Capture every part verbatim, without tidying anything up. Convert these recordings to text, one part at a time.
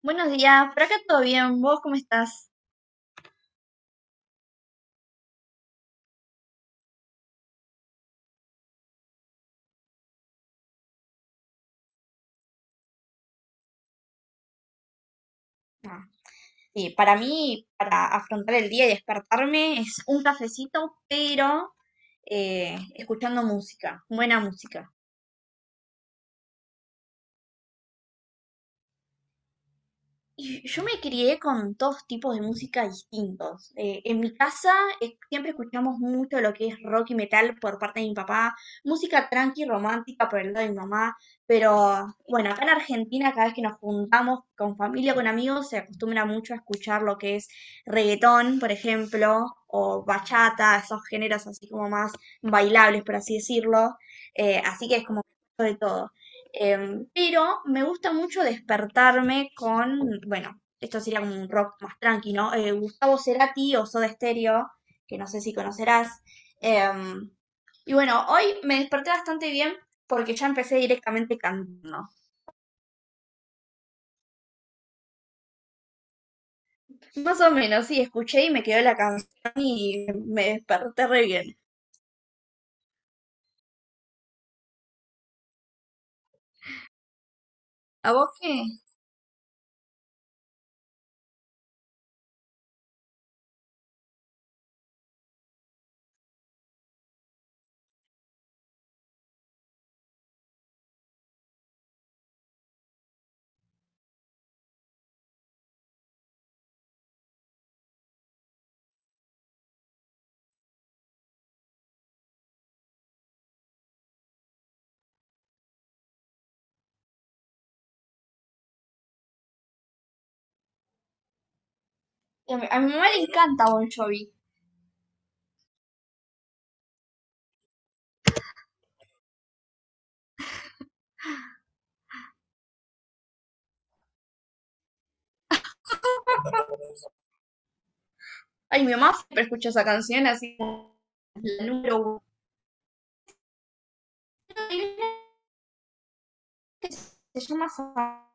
Buenos días, por acá todo bien, ¿vos cómo estás? Ah, sí, para mí, para afrontar el día y despertarme, es un cafecito, pero eh, escuchando música, buena música. Y yo me crié con dos tipos de música distintos. Eh, en mi casa eh, siempre escuchamos mucho lo que es rock y metal por parte de mi papá, música tranqui romántica por el lado de mi mamá, pero bueno, acá en Argentina cada vez que nos juntamos con familia, con amigos, se acostumbra mucho a escuchar lo que es reggaetón, por ejemplo, o bachata, esos géneros así como más bailables, por así decirlo. Eh, así que es como de todo. Em, pero me gusta mucho despertarme con, bueno, esto sería como un rock más tranqui, ¿no? Eh, Gustavo Cerati o Soda Stereo, que no sé si conocerás. Em, y bueno, hoy me desperté bastante bien porque ya empecé directamente cantando. Más o menos, sí, escuché y me quedó la canción y me desperté re bien. ¿A vos qué? A mi, a mi mamá le encanta Bon Jovi. Ay, mi mamá siempre escucha esa canción así como la número uno. Hay una que se llama Santa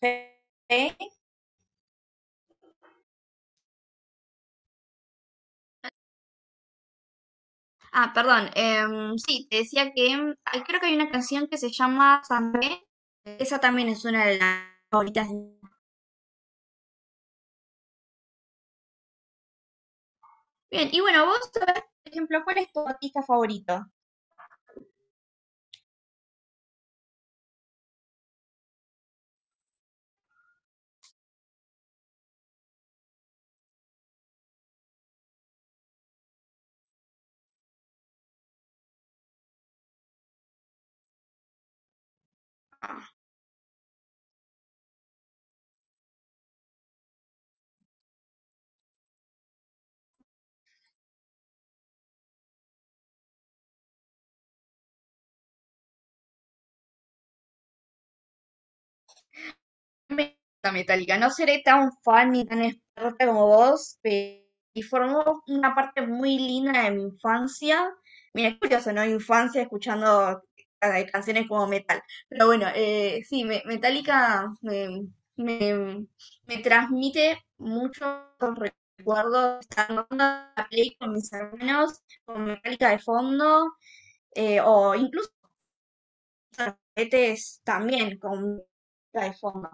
Fe. Ah, perdón. Em, sí, te decía que em, ay, creo que hay una canción que se llama Santa Fe. Esa también es una de las favoritas. Bien, y bueno, vos, a ver, por ejemplo, ¿cuál es tu artista favorito? Me gusta Metallica. No seré tan fan ni tan experta como vos, pero y formó una parte muy linda de mi infancia. Mira, es curioso, ¿no? Infancia escuchando ca- canciones como metal. Pero bueno, eh, sí, me- Metallica me, me- me transmite muchos recuerdos. Estando en la play con mis hermanos, con Metallica de fondo, eh, o incluso los juguetes también con Metallica de fondo.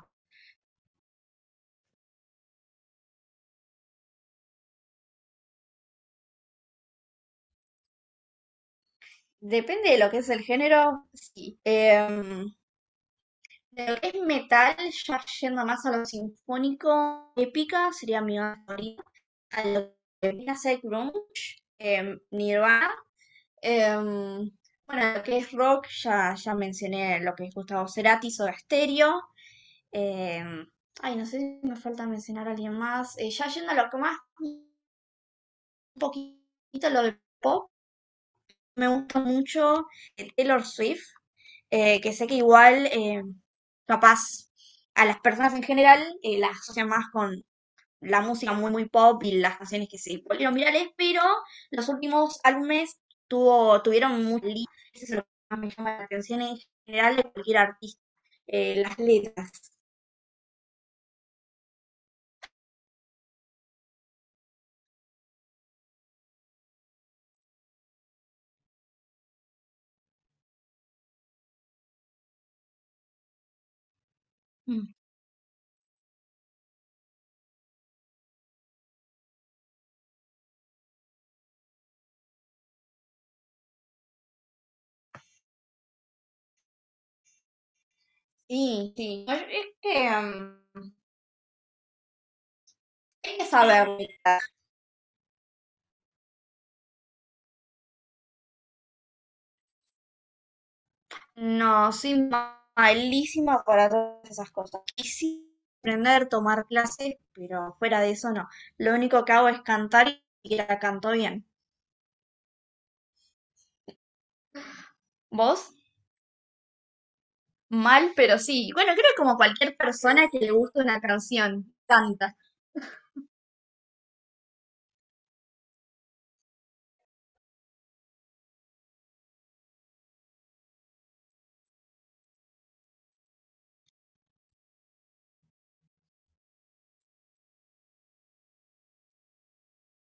Depende de lo que es el género, sí. Em, de lo que es metal, ya yendo más a lo sinfónico, épica sería mi banda favorita. A lo que viene a ser grunge, em, Nirvana. Em, bueno, lo que es rock, ya, ya mencioné lo que es Gustavo Cerati, Soda Stereo. em, Ay, no sé si me falta mencionar a alguien más. Eh, ya yendo a lo que más, un poquito lo de pop, me gusta mucho eh, Taylor Swift. Eh, que sé que igual eh, capaz a las personas en general eh, las asocian más con la música muy muy pop y las canciones que se volvieron virales, pero los últimos álbumes tuvo, tuvieron mucha li- eso es lo que más me llama la atención en general de cualquier artista, eh, las letras. Mm. Sí, sí, es que, mm, hay que saber. No, soy malísima para todas esas cosas. Quisiera aprender, tomar clases, pero fuera de eso no. Lo único que hago es cantar y la canto bien. ¿Vos? Mal, pero sí. Bueno, creo como cualquier persona que le gusta una canción, canta.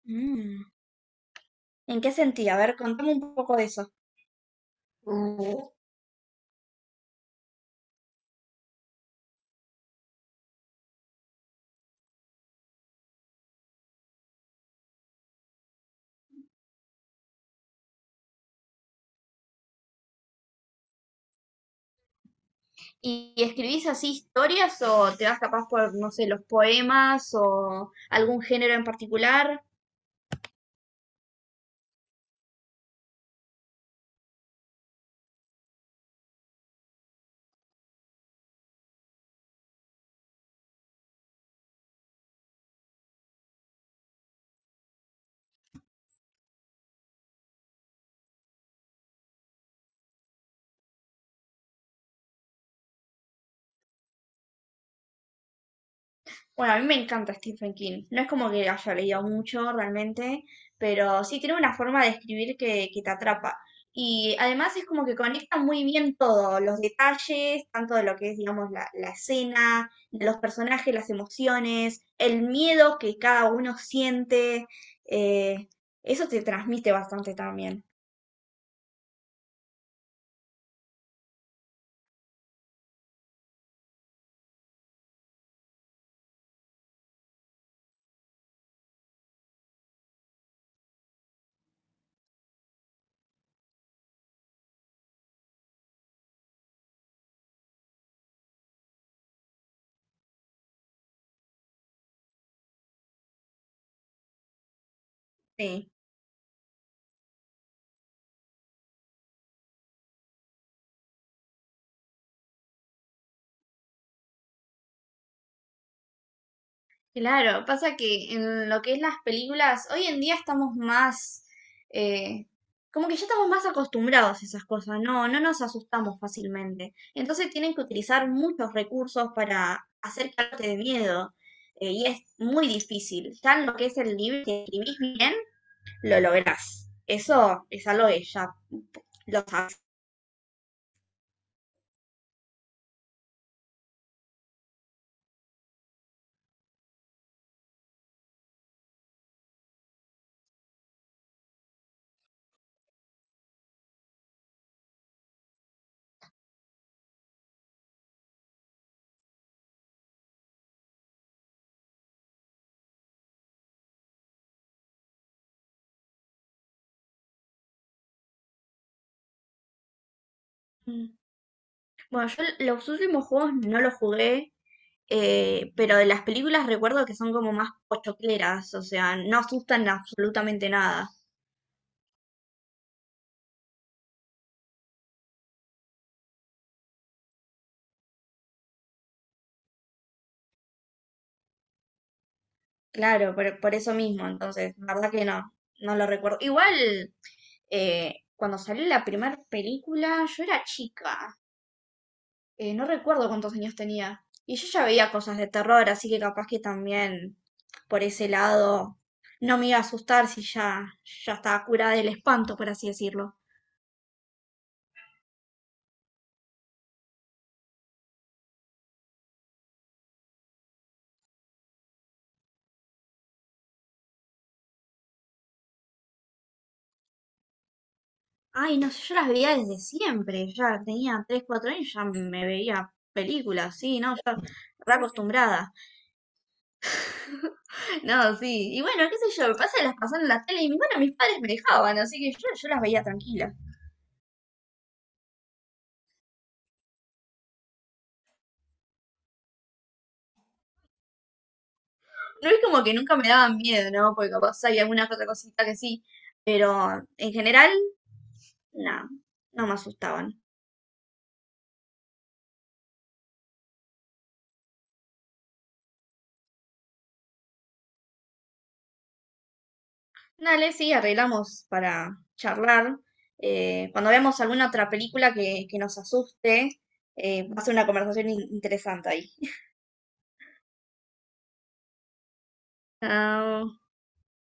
Mm. ¿En qué sentido? A ver, contame un poco de eso. Mm, ¿y y escribís así historias o te vas capaz por, no sé, los poemas o algún género en particular? Bueno, a mí me encanta Stephen King. No es como que haya leído mucho realmente, pero sí tiene una forma de escribir que, que te atrapa. Y además es como que conecta muy bien todo, los detalles, tanto de lo que es, digamos, la, la escena, de los personajes, las emociones, el miedo que cada uno siente. eh, Eso te transmite bastante también. Sí. Claro, pasa que en lo que es las películas, hoy en día estamos más, eh, como que ya estamos más acostumbrados a esas cosas, no, no nos asustamos fácilmente. Entonces tienen que utilizar muchos recursos para hacer que arte de miedo, eh, y es muy difícil. Ya en lo que es el libro, si escribís bien, lo lográs. Eso es algo que ya lo sabes. Bueno, yo los últimos juegos no los jugué, eh, pero de las películas recuerdo que son como más pochocleras, o sea, no asustan absolutamente nada. Claro, por, por eso mismo, entonces, la verdad que no, no lo recuerdo. Igual, eh, cuando salió la primera película, yo era chica, eh, no recuerdo cuántos años tenía. Y yo ya veía cosas de terror, así que capaz que también por ese lado no me iba a asustar si ya, ya estaba curada del espanto, por así decirlo. Ay, no sé, yo las veía desde siempre, ya tenía tres, cuatro años, ya me veía películas, sí, no, yo re acostumbrada. No, sí, y bueno, qué sé yo, me pasa que las pasaron en la tele y mi- bueno, mis padres me dejaban, así que yo, yo las veía tranquila. No es como que nunca me daban miedo, ¿no? Porque capaz hay alguna que otra cosita que sí, pero en general, no, no me asustaban. Dale, sí, arreglamos para charlar. Eh, cuando veamos alguna otra película que, que nos asuste, eh, va a ser una conversación in- interesante ahí. Chao.